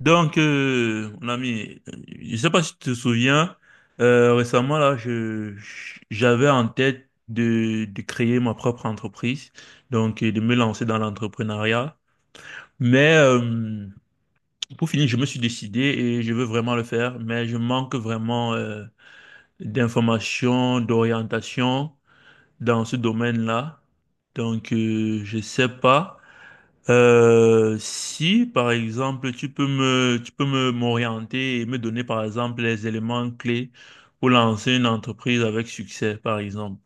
Mon ami, je sais pas si tu te souviens, récemment, là, j'avais en tête de créer ma propre entreprise, de me lancer dans l'entrepreneuriat. Mais pour finir, je me suis décidé et je veux vraiment le faire, mais je manque vraiment d'informations, d'orientation dans ce domaine-là. Je sais pas. Si, par exemple, tu peux me, m'orienter et me donner, par exemple, les éléments clés pour lancer une entreprise avec succès, par exemple.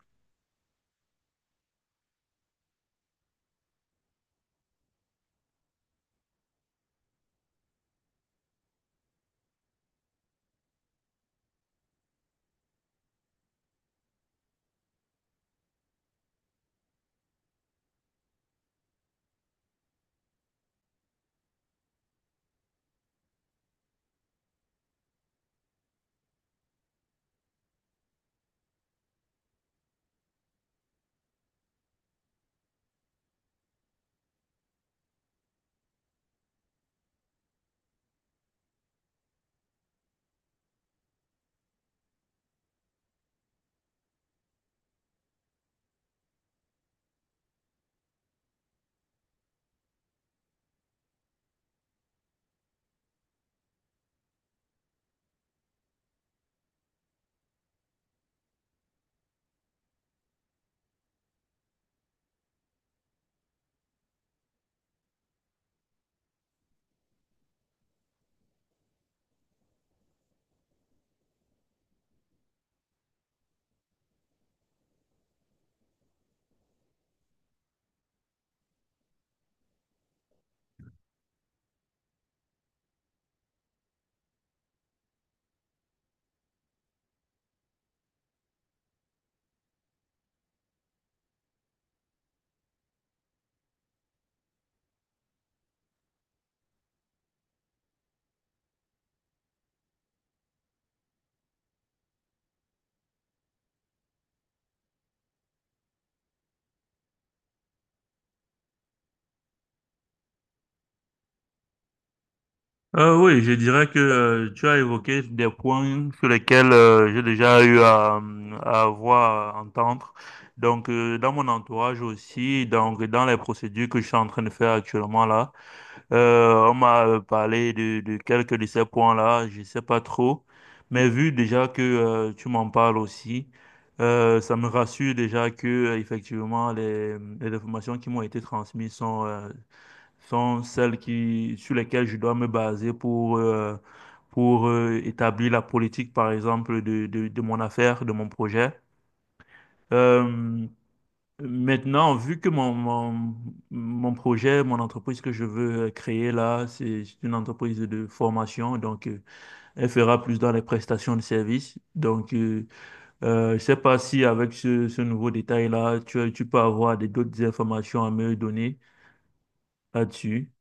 Oui, je dirais que tu as évoqué des points sur lesquels j'ai déjà eu à avoir, à entendre. Dans mon entourage aussi, donc dans les procédures que je suis en train de faire actuellement là. On m'a parlé de quelques de ces points-là, je sais pas trop, mais vu déjà que tu m'en parles aussi, ça me rassure déjà que effectivement les informations qui m'ont été transmises sont sont celles qui sur lesquelles je dois me baser pour établir la politique par exemple de mon affaire, de mon projet. Euh, Maintenant, vu que mon projet, mon entreprise que je veux créer là, c'est une entreprise de formation, elle fera plus dans les prestations de services. Je ne sais pas si avec ce nouveau détail-là, tu peux avoir d'autres informations à me donner là-dessus.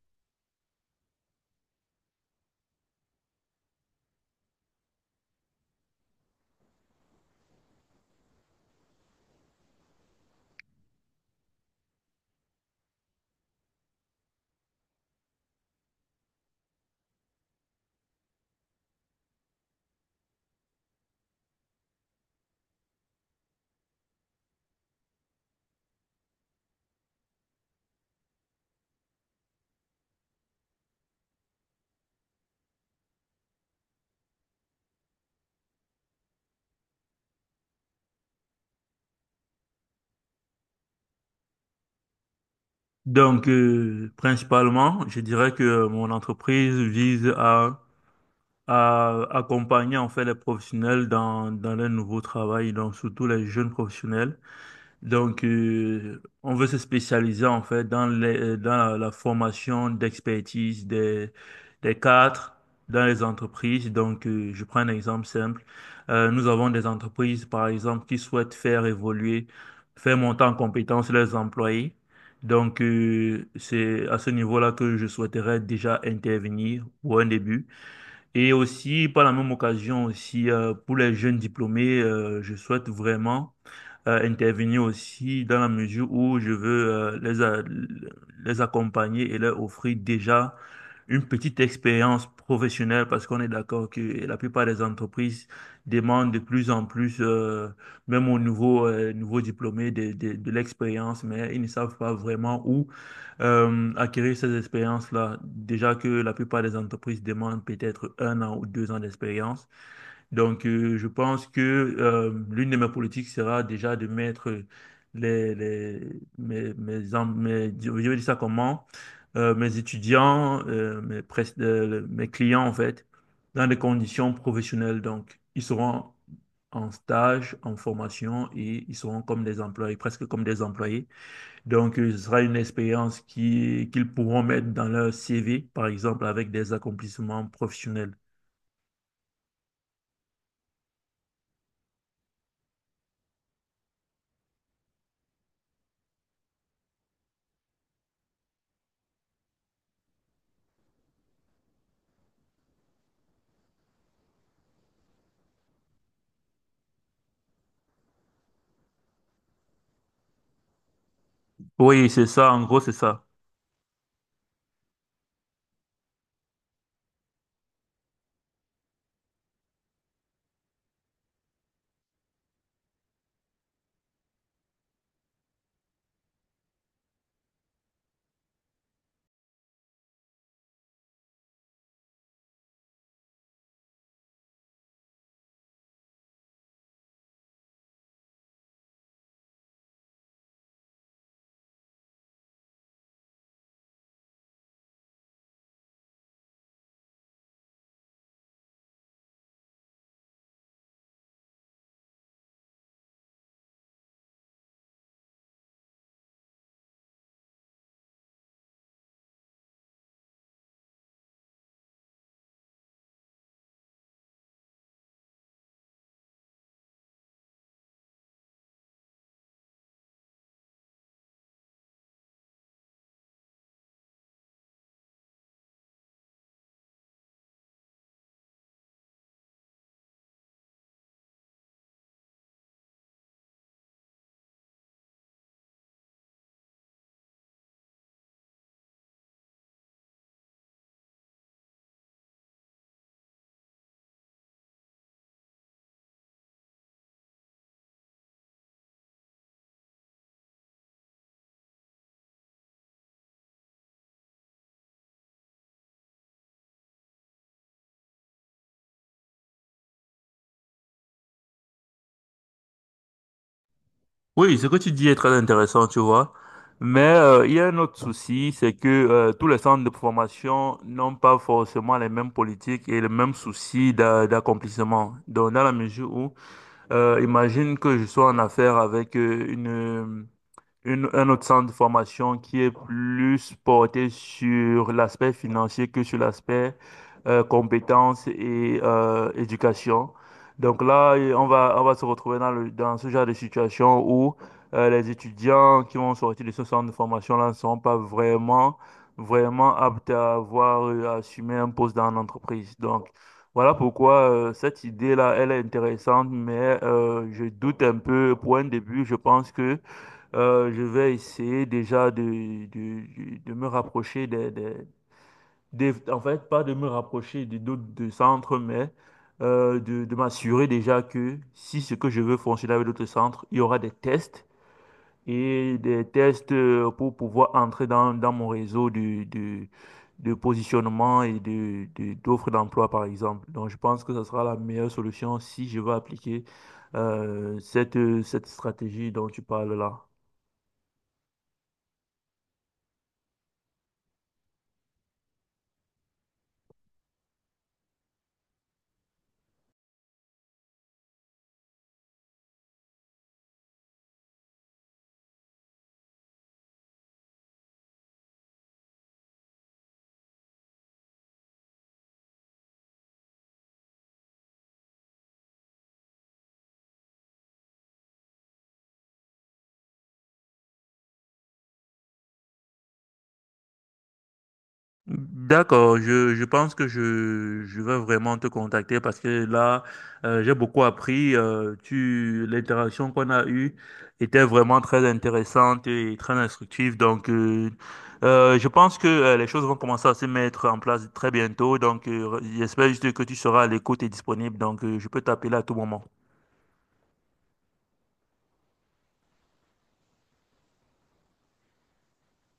Principalement, je dirais que mon entreprise vise à accompagner en fait les professionnels dans leur nouveau travail, donc surtout les jeunes professionnels. On veut se spécialiser en fait dans dans la formation d'expertise des cadres dans les entreprises. Je prends un exemple simple. Nous avons des entreprises, par exemple, qui souhaitent faire évoluer, faire monter en compétence leurs employés. C'est à ce niveau-là que je souhaiterais déjà intervenir pour un début. Et aussi, par la même occasion aussi, pour les jeunes diplômés, je souhaite vraiment intervenir aussi dans la mesure où je veux les accompagner et leur offrir déjà une petite expérience professionnelle parce qu'on est d'accord que la plupart des entreprises demandent de plus en plus, même aux nouveaux diplômés, de l'expérience, mais ils ne savent pas vraiment où acquérir ces expériences-là. Déjà que la plupart des entreprises demandent peut-être 1 an ou 2 ans d'expérience. Je pense que l'une de mes politiques sera déjà de mettre les, mes, mes, en- mes- je vais dire ça comment, mes étudiants, mes clients, en fait, dans des conditions professionnelles. Donc, ils seront en stage, en formation et ils seront comme des employés, presque comme des employés. Ce sera une expérience qu'ils pourront mettre dans leur CV, par exemple, avec des accomplissements professionnels. Oui, c'est ça, en gros, c'est ça. Oui, ce que tu dis est très intéressant, tu vois. Mais il y a un autre souci, c'est que tous les centres de formation n'ont pas forcément les mêmes politiques et les mêmes soucis d'accomplissement. Donc, dans la mesure où, imagine que je sois en affaire avec un autre centre de formation qui est plus porté sur l'aspect financier que sur l'aspect compétences et éducation. Donc là, et on va se retrouver dans dans ce genre de situation où les étudiants qui vont sortir de ce centre de formation-là ne seront pas vraiment aptes à avoir, à assumer un poste dans l'entreprise. Donc, voilà pourquoi cette idée-là, elle est intéressante, mais je doute un peu. Pour un début, je pense que je vais essayer déjà de me rapprocher en fait, pas de me rapprocher des d'autres de centres, mais de m'assurer déjà que si ce que je veux fonctionner avec d'autres centres, il y aura des tests et des tests pour pouvoir entrer dans mon réseau de positionnement et d'offres d'emploi, par exemple. Donc, je pense que ce sera la meilleure solution si je veux appliquer euh, cette, cette stratégie dont tu parles là. D'accord, je pense que je vais vraiment te contacter parce que là, j'ai beaucoup appris. L'interaction qu'on a eue était vraiment très intéressante et très instructive. Je pense que les choses vont commencer à se mettre en place très bientôt. J'espère juste que tu seras à l'écoute et disponible. Je peux t'appeler à tout moment.